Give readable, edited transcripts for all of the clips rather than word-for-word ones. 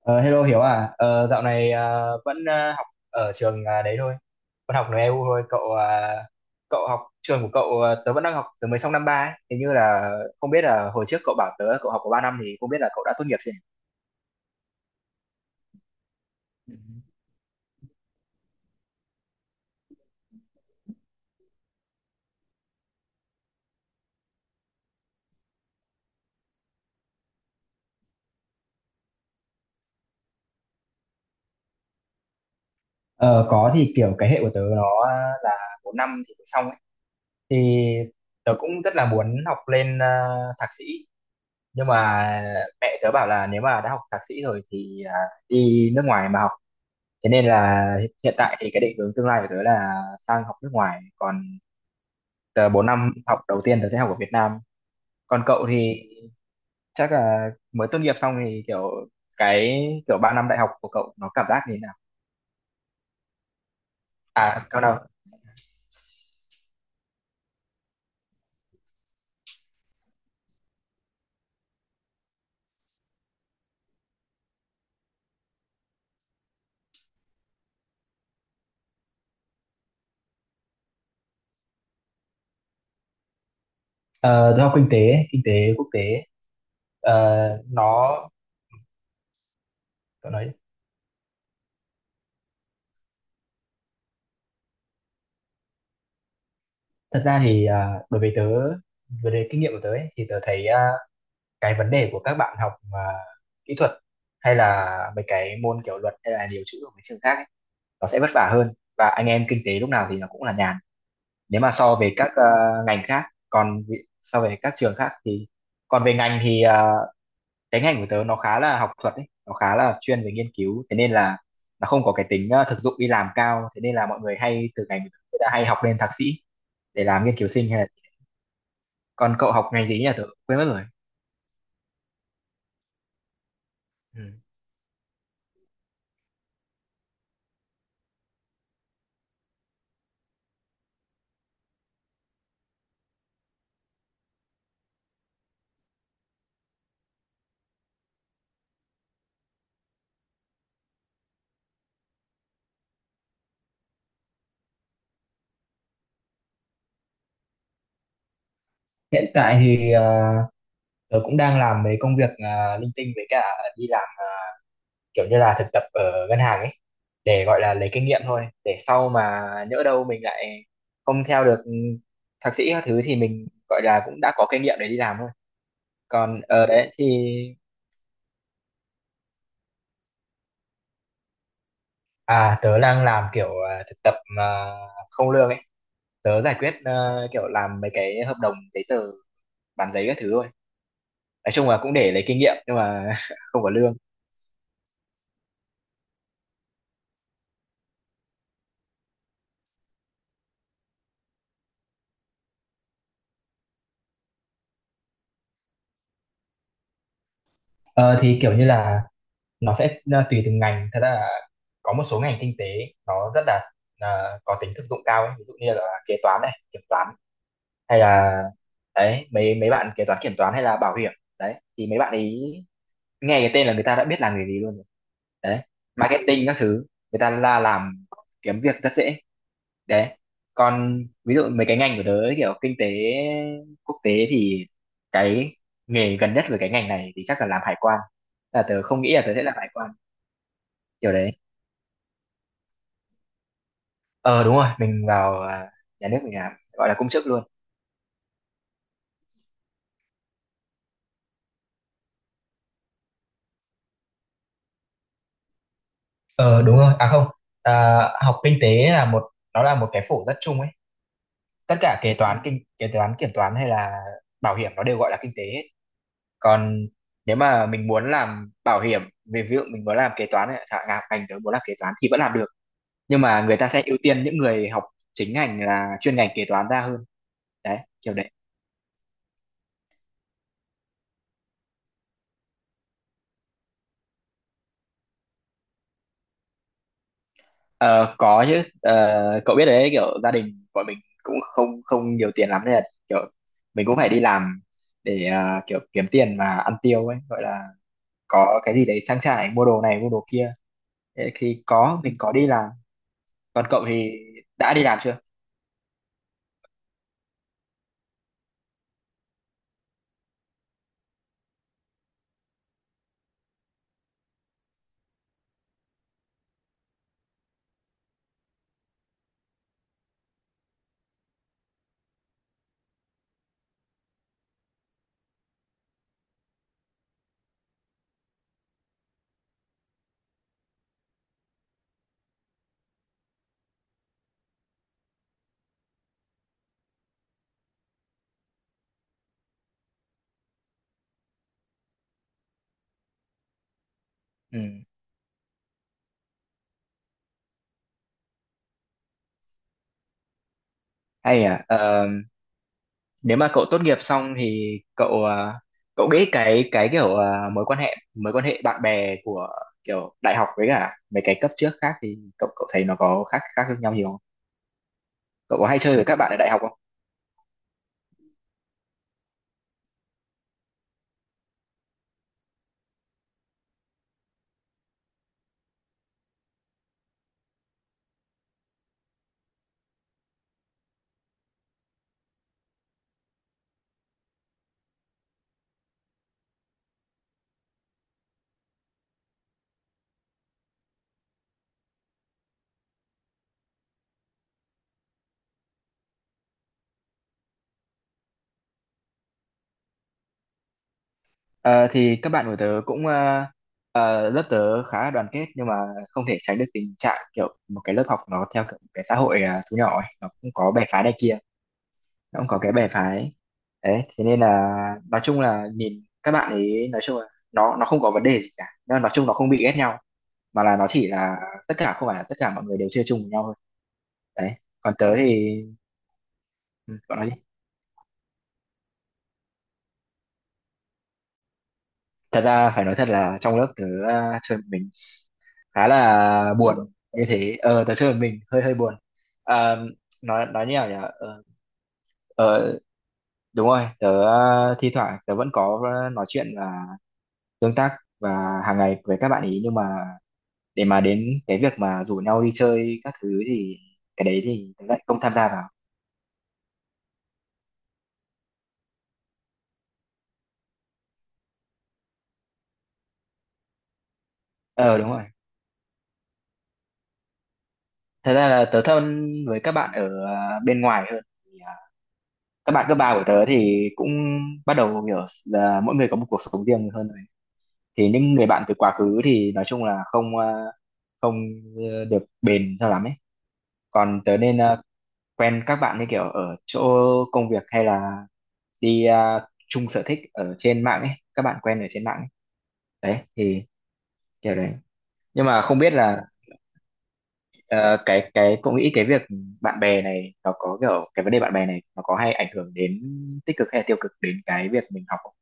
Ờ, hello Hiếu à, dạo này à, vẫn à, học ở trường à, đấy thôi, vẫn học NEU thôi. Cậu à, cậu học trường của cậu à, tớ vẫn đang học, tớ mới xong năm ba ấy. Hình như là không biết là hồi trước cậu bảo tớ cậu học có 3 năm, thì không biết là cậu đã tốt nghiệp chưa nhỉ? Ờ, có, thì kiểu cái hệ của tớ nó là 4 năm thì mới xong ấy. Thì tớ cũng rất là muốn học lên à, thạc sĩ, nhưng mà mẹ tớ bảo là nếu mà đã học thạc sĩ rồi thì à, đi nước ngoài mà học, thế nên là hiện tại thì cái định hướng tương lai của tớ là sang học nước ngoài, còn tớ 4 năm học đầu tiên tớ sẽ học ở Việt Nam. Còn cậu thì chắc là mới tốt nghiệp xong thì kiểu cái kiểu 3 năm đại học của cậu nó cảm giác như thế nào? À cậu nào. Ờ, tôi học kinh tế quốc tế. Ờ, nó cậu nói, thật ra thì à, đối với tớ, về đề kinh nghiệm của tớ ấy, thì tớ thấy à, cái vấn đề của các bạn học mà kỹ thuật hay là mấy cái môn kiểu luật hay là điều chữ ở mấy trường khác ấy, nó sẽ vất vả hơn, và anh em kinh tế lúc nào thì nó cũng là nhàn nếu mà so về các ngành khác. Còn so về các trường khác thì, còn về ngành thì cái ngành của tớ nó khá là học thuật ấy, nó khá là chuyên về nghiên cứu, thế nên là nó không có cái tính thực dụng đi làm cao, thế nên là mọi người hay từ ngành của tớ người ta hay học lên thạc sĩ để làm nghiên cứu sinh hay là, còn cậu học ngành gì nhỉ, tớ quên mất rồi. Ừ. Hiện tại thì tớ cũng đang làm mấy công việc linh tinh, với cả đi làm kiểu như là thực tập ở ngân hàng ấy để gọi là lấy kinh nghiệm thôi, để sau mà nhỡ đâu mình lại không theo được thạc sĩ các thứ thì mình gọi là cũng đã có kinh nghiệm để đi làm thôi. Còn ở đấy thì à tớ đang làm kiểu à, thực tập mà không lương ấy. Tớ giải quyết kiểu làm mấy cái hợp đồng giấy tờ bản giấy các thứ thôi. Nói chung là cũng để lấy kinh nghiệm nhưng mà không có lương. Ờ, thì kiểu như là nó sẽ à, tùy từng ngành, thật ra là có một số ngành kinh tế nó rất là à, có tính thực dụng cao ấy. Ví dụ như là kế toán này, kiểm toán hay là, đấy, mấy mấy bạn kế toán kiểm toán hay là bảo hiểm, đấy thì mấy bạn ấy nghe cái tên là người ta đã biết làm nghề gì luôn rồi, đấy, marketing các thứ, người ta là làm, kiếm việc rất dễ, đấy. Còn ví dụ mấy cái ngành của tớ ấy, kiểu kinh tế quốc tế thì cái nghề gần nhất với cái ngành này thì chắc là làm hải quan, là tớ không nghĩ là tớ sẽ làm hải quan, kiểu đấy. Ờ đúng rồi, mình vào à, nhà nước mình làm gọi là công chức luôn. Ờ đúng rồi, à không, à, học kinh tế là một, nó là một cái phổ rất chung ấy. Tất cả kế Ừ. toán kinh kế toán kiểm toán hay là bảo hiểm nó đều gọi là kinh tế hết. Còn nếu mà mình muốn làm bảo hiểm, về ví dụ mình muốn làm kế toán ấy, chẳng hạn ngành tớ muốn làm kế toán thì vẫn làm được. Nhưng mà người ta sẽ ưu tiên những người học chính ngành là chuyên ngành kế toán ra hơn. Đấy, kiểu đấy. Ờ, có chứ. Ờ, cậu biết đấy kiểu gia đình bọn mình cũng không không nhiều tiền lắm nên là kiểu mình cũng phải đi làm để kiểu kiếm tiền mà ăn tiêu ấy, gọi là có cái gì đấy trang trải mua đồ này mua đồ kia. Thế thì có, mình có đi làm. Còn cậu thì đã đi làm chưa? Ừ. Hay à, Ờ, nếu mà cậu tốt nghiệp xong thì cậu cậu nghĩ cái kiểu mối quan hệ bạn bè của kiểu đại học với cả mấy cái cấp trước khác thì cậu cậu thấy nó có khác khác nhau nhiều, cậu có hay chơi với các bạn ở đại học không? Ờ, thì các bạn của tớ cũng lớp tớ khá là đoàn kết, nhưng mà không thể tránh được tình trạng kiểu một cái lớp học nó theo kiểu cái xã hội thu nhỏ ấy, nó cũng có bè phái này kia, nó cũng có cái bè phái đấy, thế nên là nói chung là nhìn các bạn ấy nói chung là nó không có vấn đề gì cả, nhưng mà nói chung nó không bị ghét nhau, mà là nó chỉ là tất cả không phải là tất cả mọi người đều chơi chung với nhau thôi, đấy. Còn tớ thì, ừ, cậu nói đi, thật ra phải nói thật là trong lớp tớ chơi một mình, khá là buồn như thế, ờ tớ chơi một mình hơi hơi buồn. Ờ, nói như nào nhỉ, ờ, đúng rồi, tớ thi thoảng tớ vẫn có nói chuyện và tương tác và hàng ngày với các bạn ý, nhưng mà để mà đến cái việc mà rủ nhau đi chơi các thứ thì cái đấy thì tớ lại không tham gia vào. Ờ đúng rồi, thật ra là tớ thân với các bạn ở bên ngoài hơn. Thì, ờ, các bạn cấp ba của tớ thì cũng bắt đầu hiểu là mỗi người có một cuộc sống riêng hơn, thì những người bạn từ quá khứ thì nói chung là không được bền cho lắm ấy. Còn tớ nên quen các bạn như kiểu ở chỗ công việc, hay là đi chung sở thích ở trên mạng ấy, các bạn quen ở trên mạng ấy, đấy thì kiểu đấy. Nhưng mà không biết là ờ, cái cậu nghĩ cái việc bạn bè này nó có kiểu cái vấn đề bạn bè này nó có hay ảnh hưởng đến tích cực hay là tiêu cực đến cái việc mình học không?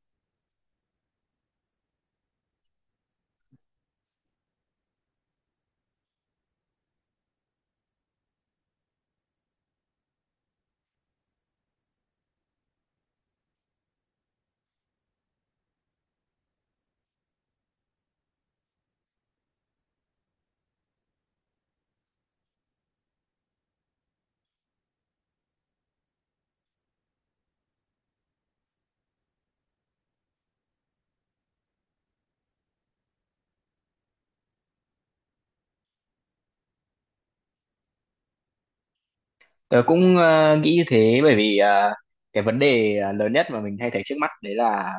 Tớ cũng nghĩ như thế, bởi vì cái vấn đề à, lớn nhất mà mình hay thấy trước mắt đấy là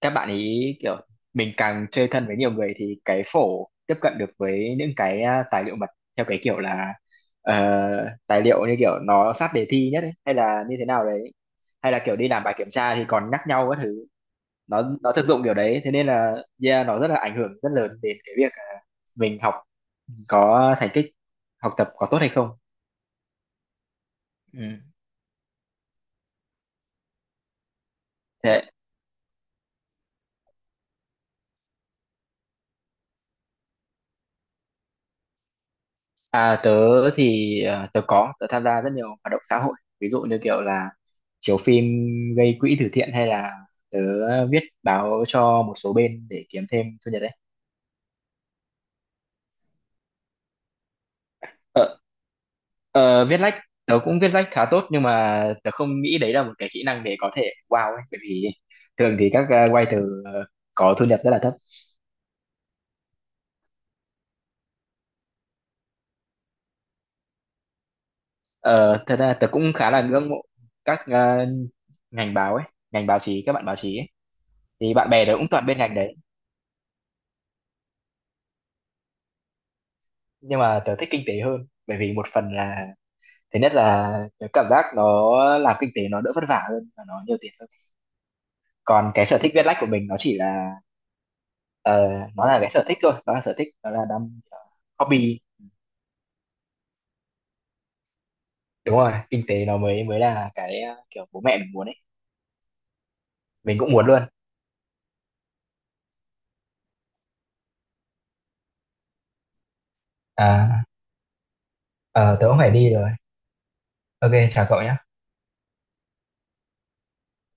các bạn ý kiểu mình càng chơi thân với nhiều người thì cái phổ tiếp cận được với những cái à, tài liệu mật theo cái kiểu là ờ, tài liệu như kiểu nó sát đề thi nhất ấy, hay là như thế nào đấy, hay là kiểu đi làm bài kiểm tra thì còn nhắc nhau các thứ, nó thực dụng kiểu đấy, thế nên là yeah, nó rất là ảnh hưởng rất lớn đến cái việc à, mình học có thành tích học tập có tốt hay không. Ừ. Thế. À, tớ thì à, tớ có tớ tham gia rất nhiều hoạt động xã hội, ví dụ như kiểu là chiếu phim gây quỹ từ thiện, hay là tớ viết báo cho một số bên để kiếm thêm thu nhập, đấy. ờ, viết lách, tớ cũng viết lách khá tốt, nhưng mà tớ không nghĩ đấy là một cái kỹ năng để có thể wow ấy, bởi vì thường thì các writer có thu nhập rất là thấp. Ờ, thật ra tớ cũng khá là ngưỡng mộ các ngành báo ấy, ngành báo chí, các bạn báo chí ấy, thì bạn bè tớ cũng toàn bên ngành đấy, nhưng mà tớ thích kinh tế hơn, bởi vì một phần là thứ nhất là tớ cảm giác nó làm kinh tế nó đỡ vất vả hơn và nó nhiều tiền hơn. Còn cái sở thích viết lách của mình nó chỉ là ờ, nó là cái sở thích thôi, nó là sở thích, nó là hobby. Đúng rồi, kinh tế nó mới mới là cái kiểu bố mẹ mình muốn ấy, mình cũng muốn luôn. À, ờ, tớ cũng phải đi rồi, ok chào cậu nhé.